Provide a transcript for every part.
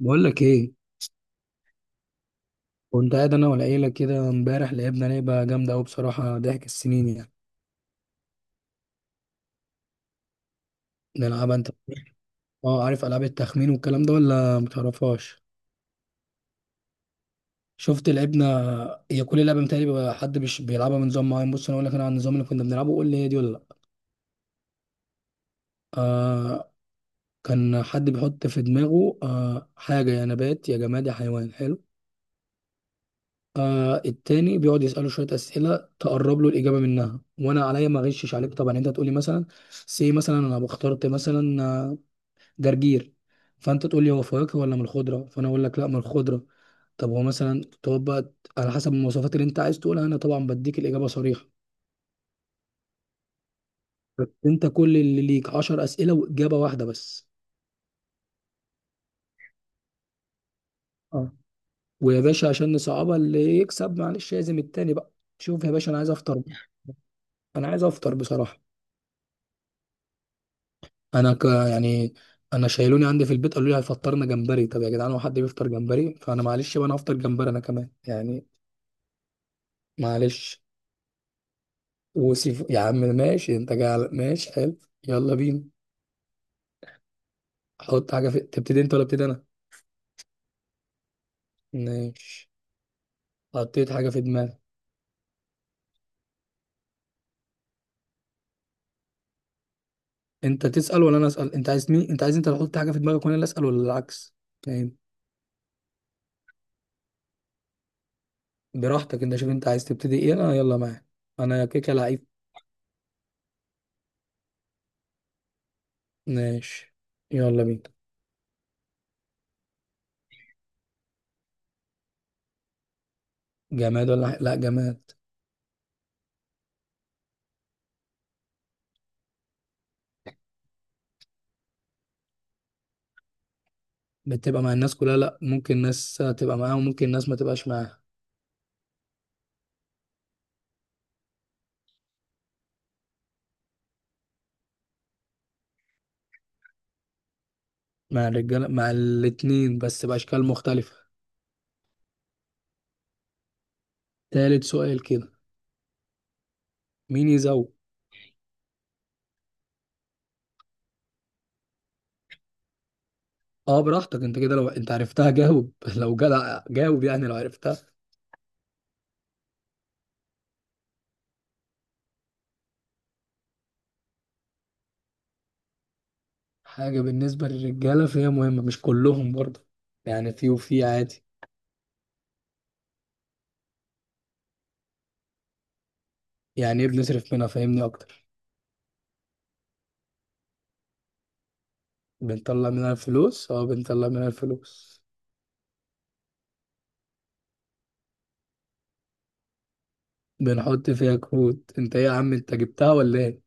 بقول لك ايه؟ كنت قاعد انا والعيله كده امبارح، لعبنا لعبه جامده قوي بصراحه، ضحك السنين يعني. نلعبها انت. اه، عارف العاب التخمين والكلام ده ولا متعرفهاش؟ شفت لعبنا. هي كل لعبه متهيألي بيبقى حد مش بيلعبها بنظام معين. بص انا اقول لك انا عن النظام اللي كنا بنلعبه، قول لي هي دي ولا لا. آه كان حد بيحط في دماغه حاجه، يا نبات يا جماد يا حيوان. حلو. التاني بيقعد يسأله شوية أسئلة تقرب له الإجابة منها، وأنا عليا ما أغشش عليك طبعا. يعني أنت تقولي مثلا، سي مثلا أنا اخترت مثلا جرجير. فانت تقول لي هو فواكه ولا من الخضره، فانا اقول لك لا من الخضره. طب هو مثلا تقعد بقى على حسب المواصفات اللي انت عايز تقولها، انا طبعا بديك الاجابه صريحه. بس انت كل اللي ليك 10 اسئله واجابه واحده بس. اه. ويا باشا عشان نصعبها اللي يكسب، معلش لازم التاني بقى. شوف يا باشا انا عايز افطر. انا عايز افطر بصراحه. انا يعني. انا شايلوني عندي في البيت قالوا لي هيفطرنا جمبري. طب يا جدعان هو حد بيفطر جمبري؟ فانا معلش بقى، انا هفطر جمبري انا كمان يعني. معلش. وسيف يا عم ماشي، انت جاي على ماشي. حلو. يلا بينا. حط حاجه في، تبتدي انت ولا ابتدي انا؟ ماشي. حطيت حاجه في دماغي. انت تسال ولا انا اسال؟ انت عايز مين؟ انت عايز انت اللي تحط حاجه في دماغك وانا اللي اسال ولا العكس؟ فاهم. براحتك انت، شوف انت عايز تبتدي ايه، انا يلا معاك. انا كيكه لعيب. ماشي. يلا بينا. جماد ولا لا، جماد. بتبقى مع الناس كلها؟ لا، ممكن ناس تبقى معاها وممكن ناس ما تبقاش معاها. مع الرجاله، مع الاتنين بس باشكال مختلفه. تالت سؤال كده. مين يزوج. اه براحتك انت، كده لو انت عرفتها جاوب لو جدع جاوب يعني لو عرفتها. حاجة بالنسبة للرجالة فهي مهمة، مش كلهم برضه. يعني في وفي عادي. يعني ايه بنصرف منها؟ فاهمني اكتر. بنطلع منها الفلوس، اه بنطلع منها الفلوس. بنحط فيها كروت؟ انت ايه يا عم، انت جبتها ولا ايه؟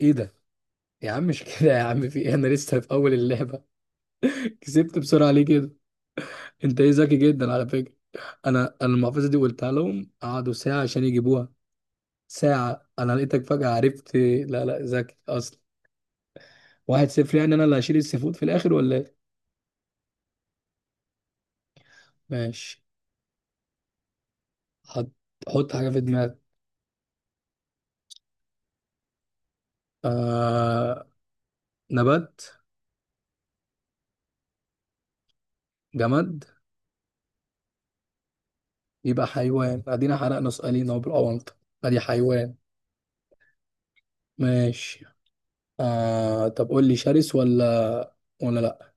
ايه ده. يا عم مش كده، يا عم في ايه؟ انا لسه في اول اللعبة. كسبت بسرعة ليه كده؟ انت ايه ذكي جدا على فكرة. انا المحفظة دي قلتها لهم قعدوا ساعة عشان يجيبوها. ساعة أنا لقيتك فجأة عرفت. لا لا، ذكي أصلا. 1-0 يعني، أنا اللي هشيل السفود في الآخر ولا إيه؟ ماشي. حط. حط حاجة في دماغك. آه... نبات؟ جماد؟ يبقى حيوان. أدينا حرقنا سؤالين أهو بالأونطة. أدي حيوان. ماشي. طب قول لي شرس ولا ولا لأ؟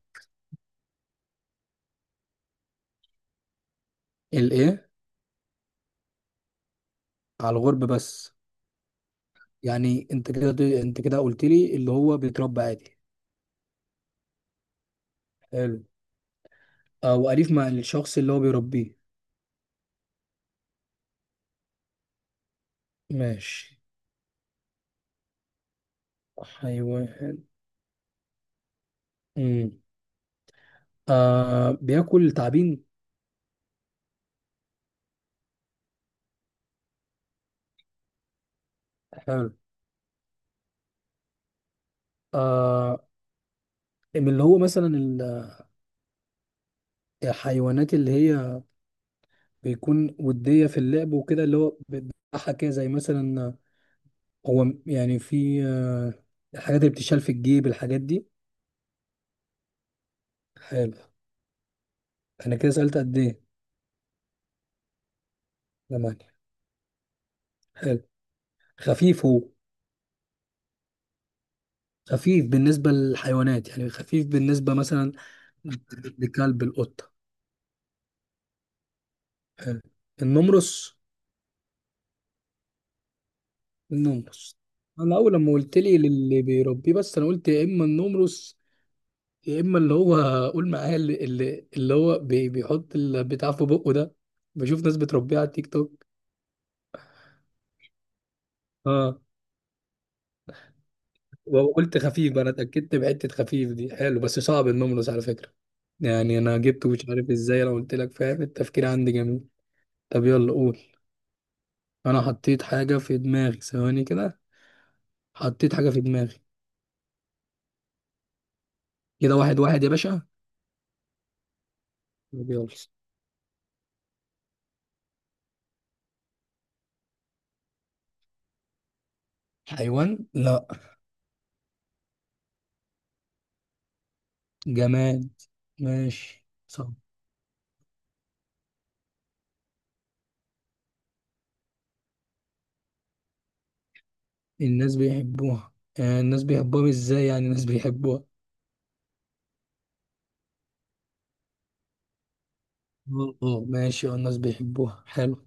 الإيه؟ على الغرب بس؟ يعني أنت كده، أنت كده قلت لي اللي هو بيتربى عادي. حلو. أو أليف مع الشخص اللي هو بيربيه. ماشي. حيوان. امم بياكل تعابين. حلو. آه من اللي هو مثلا الحيوانات اللي هي بيكون ودية في اللعب وكده، اللي هو بتضحك كده زي مثلا هو يعني في، الحاجات اللي بتشال في الجيب، الحاجات دي. حلو. انا كده سألت قد ايه؟ زمان. حلو. خفيف هو؟ خفيف بالنسبة للحيوانات يعني، خفيف بالنسبة مثلا لكلب، القطة. حلو. النمرس. النمرس. انا اول لما قلت لي للي بيربيه، بس انا قلت يا اما النمرس يا اما اللي هو، قول معايا، اللي هو بيحط البتاع في بقه ده، بشوف ناس بتربيه على التيك توك. اه. وقلت خفيف، انا اتاكدت بحته خفيف دي. حلو بس صعب النمرس على فكره، يعني انا جبته مش عارف ازاي لو قلت لك، فاهم التفكير عندي جميل. طب يلا قول. انا حطيت حاجه في دماغي، ثواني كده. حطيت حاجه في دماغي. كده واحد واحد يا باشا. طب يلا. حيوان، لا. جماد. ماشي صح. الناس بيحبوها. الناس بيحبوها، ازاي يعني الناس بيحبوها؟ اه آه، ماشي اه الناس بيحبوها. حلو.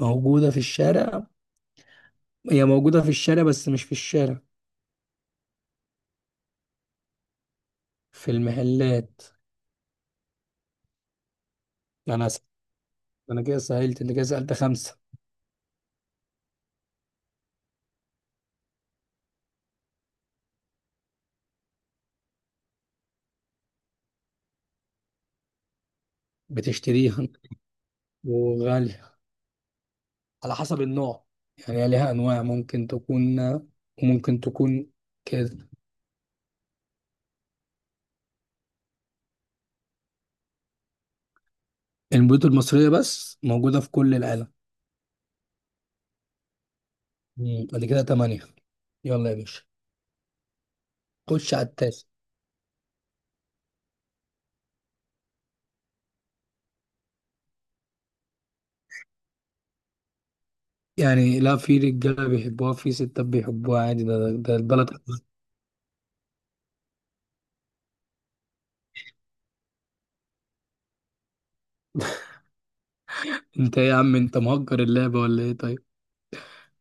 موجودة في الشارع. هي موجودة في الشارع بس مش في الشارع. في المحلات. انا س... انا كده سهلت، انت كده سألت 5. بتشتريها. وغالية. على حسب النوع، يعني هي ليها انواع ممكن تكون وممكن تكون كده. البيوت المصرية، بس موجودة في كل العالم. مم. بعد كده 8. يلا يا باشا، خش على التاسع. يعني لا، في رجاله بيحبوها في ستات بيحبوها عادي، ده البلد. انت ايه يا عم، انت مهكر اللعبه ولا ايه طيب؟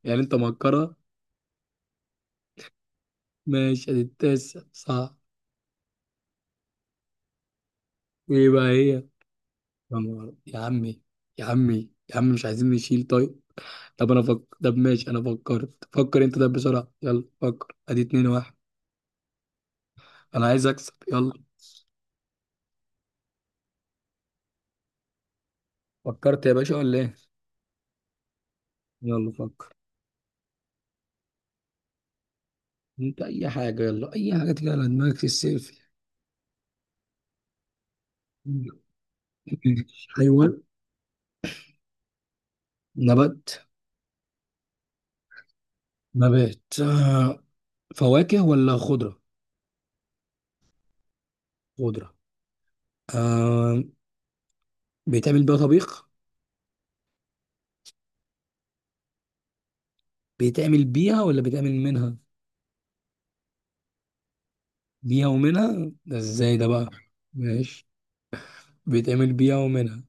يعني انت مهكرها. ماشي ادي التاسع صح. وايه بقى هي؟ يا عمي. يا عمي يا عم، مش عايزين نشيل طيب. طب انا فكر. طب ماشي انا فكرت، فكر انت ده بسرعه، يلا فكر، ادي 2-1. انا عايز اكسب، يلا. فكرت يا باشا ولا ايه؟ يلا فكر. انت اي حاجه، يلا اي حاجه تيجي على دماغك السيلفي. حيوان؟ نبات. نبات، فواكه ولا خضرة؟ خضرة. آه بيتعمل بيها طبيخ؟ بيتعمل بيها ولا بيتعمل منها؟ بيها ومنها، ده ازاي ده بقى؟ ماشي. بيتعمل بيها ومنها.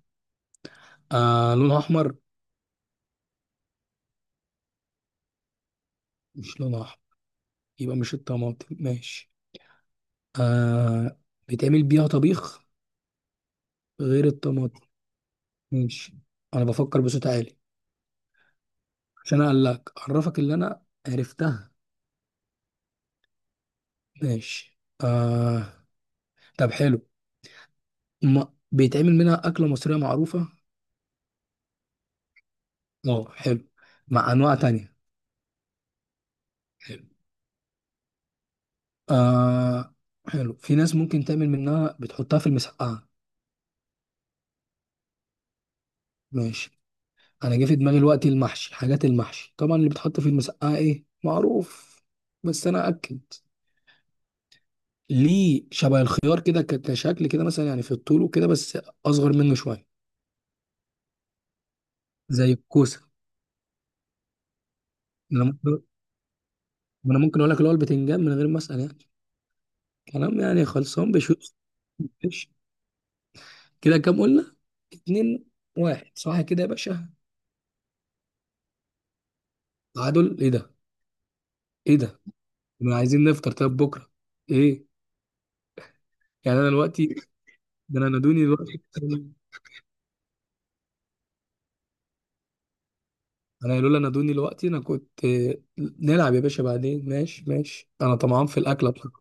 لونها أحمر؟ مش لونها أحمر، يبقى مش الطماطم. ماشي. آه بيتعمل بيها طبيخ غير الطماطم. ماشي. أنا بفكر بصوت عالي، عشان أقلك، أعرفك اللي أنا عرفتها. ماشي. آه طب حلو، ما بيتعمل منها أكلة مصرية معروفة. اه حلو، مع انواع تانية. حلو. آه حلو، في ناس ممكن تعمل منها بتحطها في المسقعه. ماشي. انا جه في دماغي الوقت المحشي، حاجات المحشي طبعا اللي بتحط في المسقعه ايه معروف. بس انا اكد ليه، شبه الخيار كده كشكل كده مثلا يعني في الطول وكده بس اصغر منه شويه، زي الكوسه. انا ممكن انا ممكن اقول لك اللي هو البتنجان من غير ما اسال يعني، كلام يعني خلصان بشوش. كده كام قلنا؟ 2-1، صح كده يا باشا؟ تعادل؟ ايه ده. ايه ده. ما عايزين نفطر طب بكره؟ ايه؟ يعني انا دلوقتي، ده انا نادوني دلوقتي. انا قالوا لي نادوني دلوقتي، انا كنت. نلعب يا باشا بعدين، ماشي ماشي، انا طمعان في الاكله.